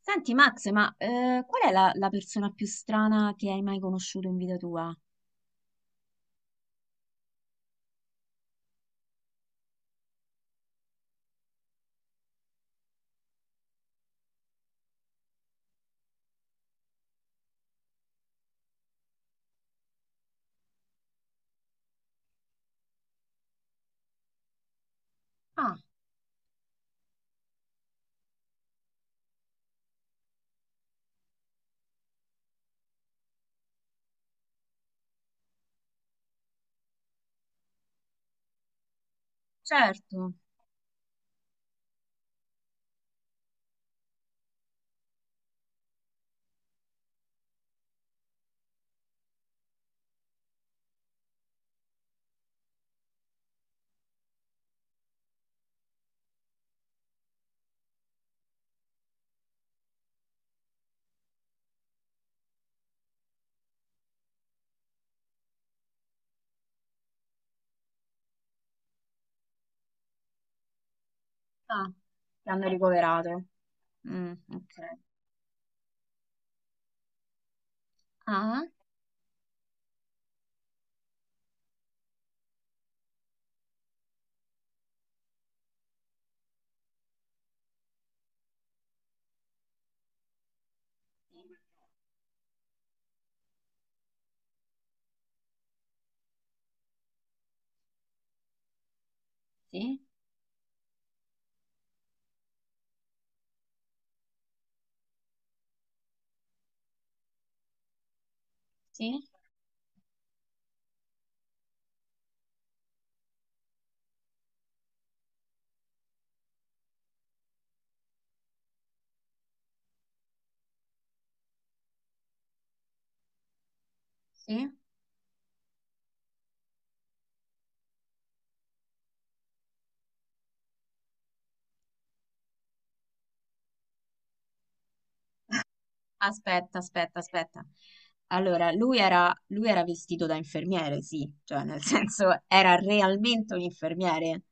Senti Max, ma qual è la persona più strana che hai mai conosciuto in vita tua? Ah, certo. Ah, ti hanno ricoverato. Mm, ok. Ah, sì, sì, sì. Aspetta, aspetta, aspetta. Allora, lui era vestito da infermiere, sì, cioè nel senso era realmente un infermiere.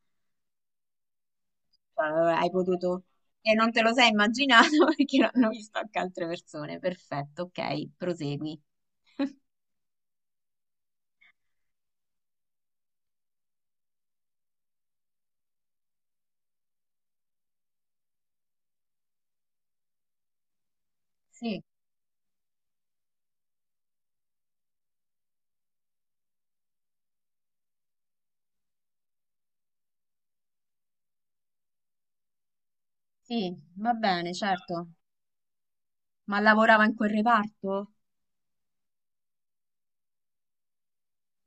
Cioè, hai potuto... E non te lo sei immaginato perché l'hanno visto anche altre persone. Perfetto, ok, prosegui. Sì. Sì, va bene, certo. Ma lavorava in quel reparto?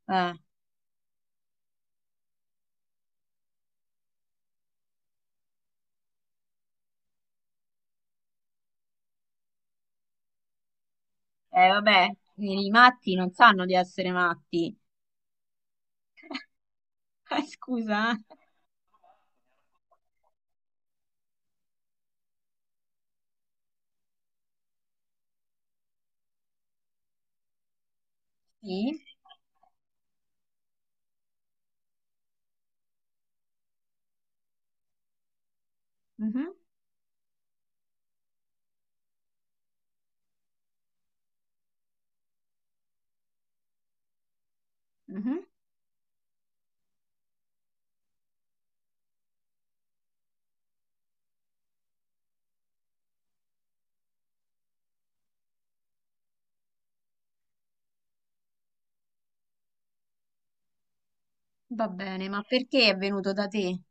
Eh, vabbè, i matti non sanno di essere matti. Scusa. Eh. Sì? Mhm, mhm. Va bene, ma perché è venuto da te?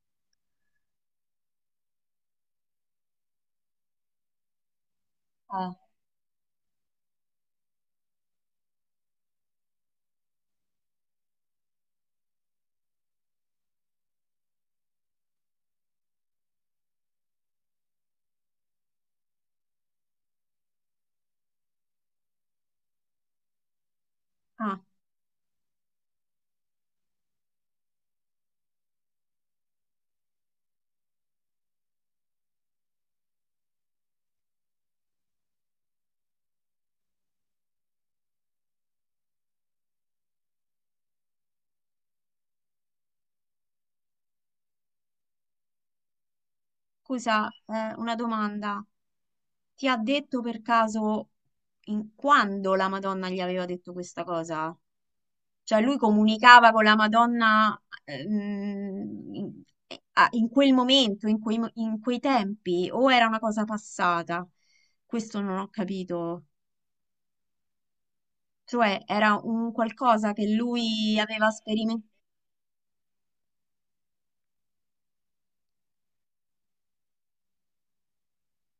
Ah, scusa, una domanda. Ti ha detto per caso quando la Madonna gli aveva detto questa cosa? Cioè lui comunicava con la Madonna in in quel momento, in in quei tempi, o era una cosa passata? Questo non ho capito. Cioè era un qualcosa che lui aveva sperimentato.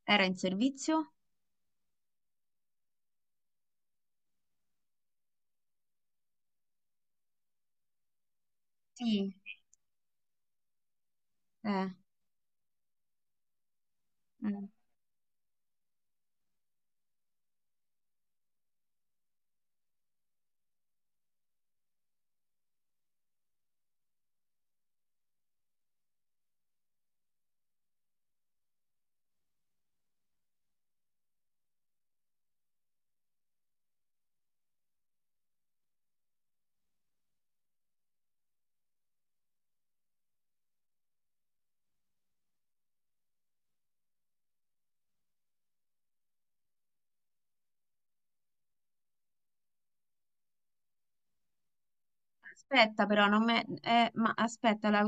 Era in servizio? Sì. Eh, mm. Aspetta però, non me... ma aspetta,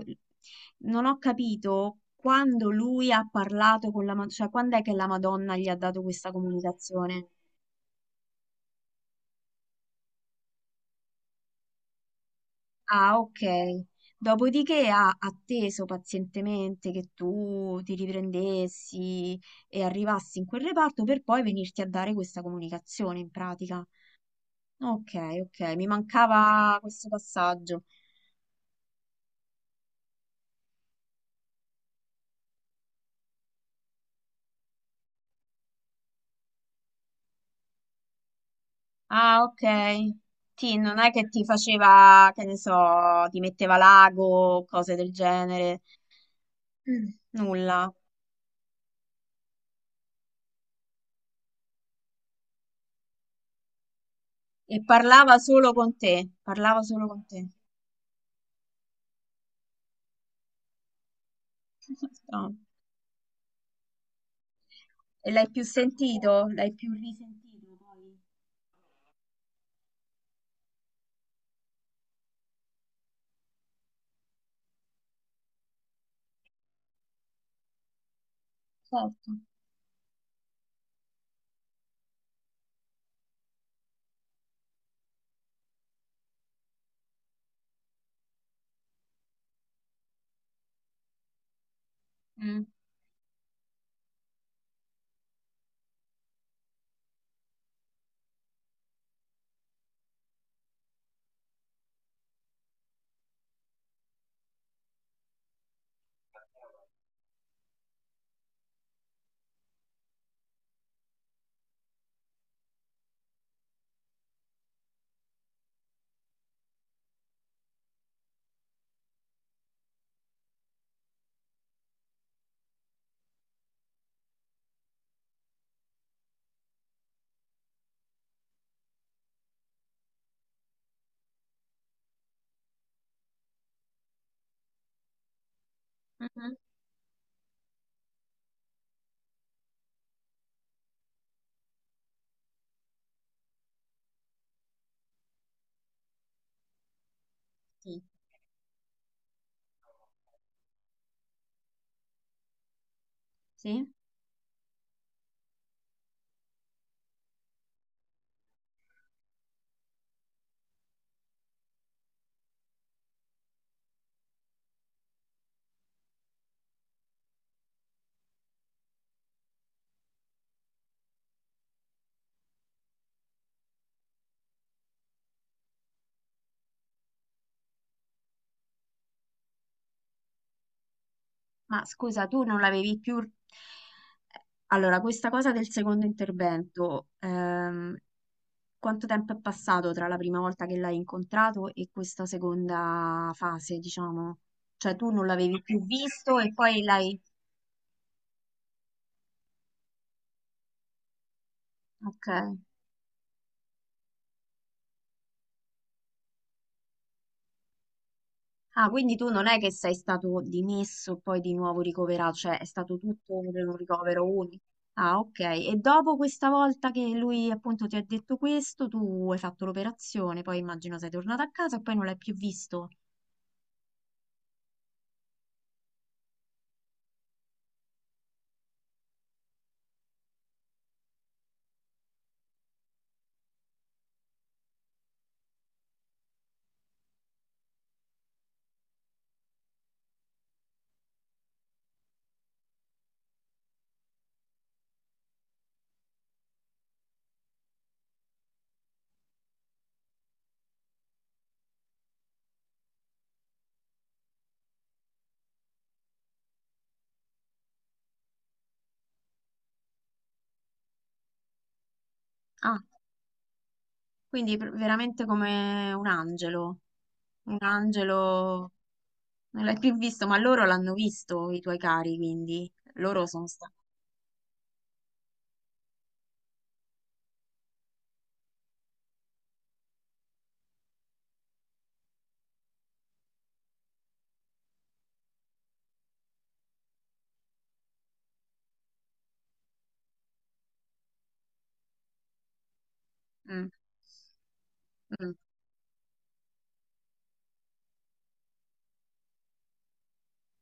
non ho capito quando lui ha parlato con la Madonna, cioè quando è che la Madonna gli ha dato questa comunicazione? Ah, ok. Dopodiché ha atteso pazientemente che tu ti riprendessi e arrivassi in quel reparto per poi venirti a dare questa comunicazione in pratica. Ok, ok, mi mancava questo passaggio. Ah, ok. Ti, non è che ti faceva, che ne so, ti metteva l'ago, cose del genere. Mm, nulla. E parlava solo con te, parlava solo con te. No. E l'hai più sentito? L'hai più risentito poi? Certo. Mm. Mhm. Sì. Sì? Ma scusa, tu non l'avevi più... Allora, questa cosa del secondo intervento, quanto tempo è passato tra la prima volta che l'hai incontrato e questa seconda fase, diciamo? Cioè, tu non l'avevi più visto e poi l'hai... Ok. Ah, quindi tu non è che sei stato dimesso e poi di nuovo ricoverato, cioè è stato tutto un ricovero unico. Ah, ok. E dopo questa volta che lui appunto ti ha detto questo, tu hai fatto l'operazione, poi immagino sei tornato a casa e poi non l'hai più visto. Ah, veramente come un angelo, non l'hai più visto, ma loro l'hanno visto, i tuoi cari, quindi loro sono stati. Mm, mm.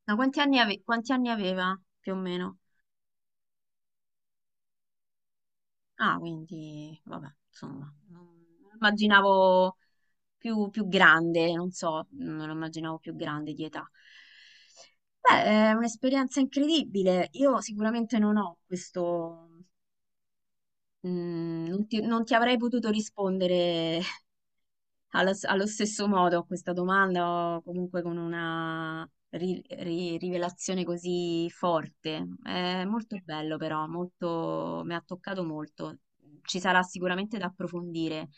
Ma quanti anni quanti anni aveva più o meno? Ah, quindi, vabbè, insomma, non non immaginavo più, più grande, non so, non lo immaginavo più grande di età. Beh, è un'esperienza incredibile. Io sicuramente non ho questo, mm, non ti avrei potuto rispondere. Allo stesso modo, a questa domanda, o comunque con una rivelazione così forte, è molto bello però, molto, mi ha toccato molto. Ci sarà sicuramente da approfondire,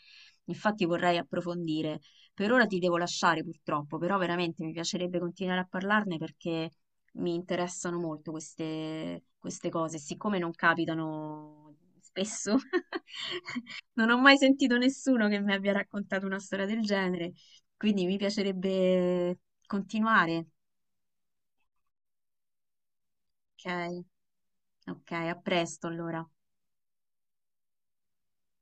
infatti vorrei approfondire. Per ora ti devo lasciare purtroppo, però veramente mi piacerebbe continuare a parlarne perché mi interessano molto queste, queste cose, siccome non capitano spesso. Non ho mai sentito nessuno che mi abbia raccontato una storia del genere, quindi mi piacerebbe continuare. Ok, ok, a presto allora.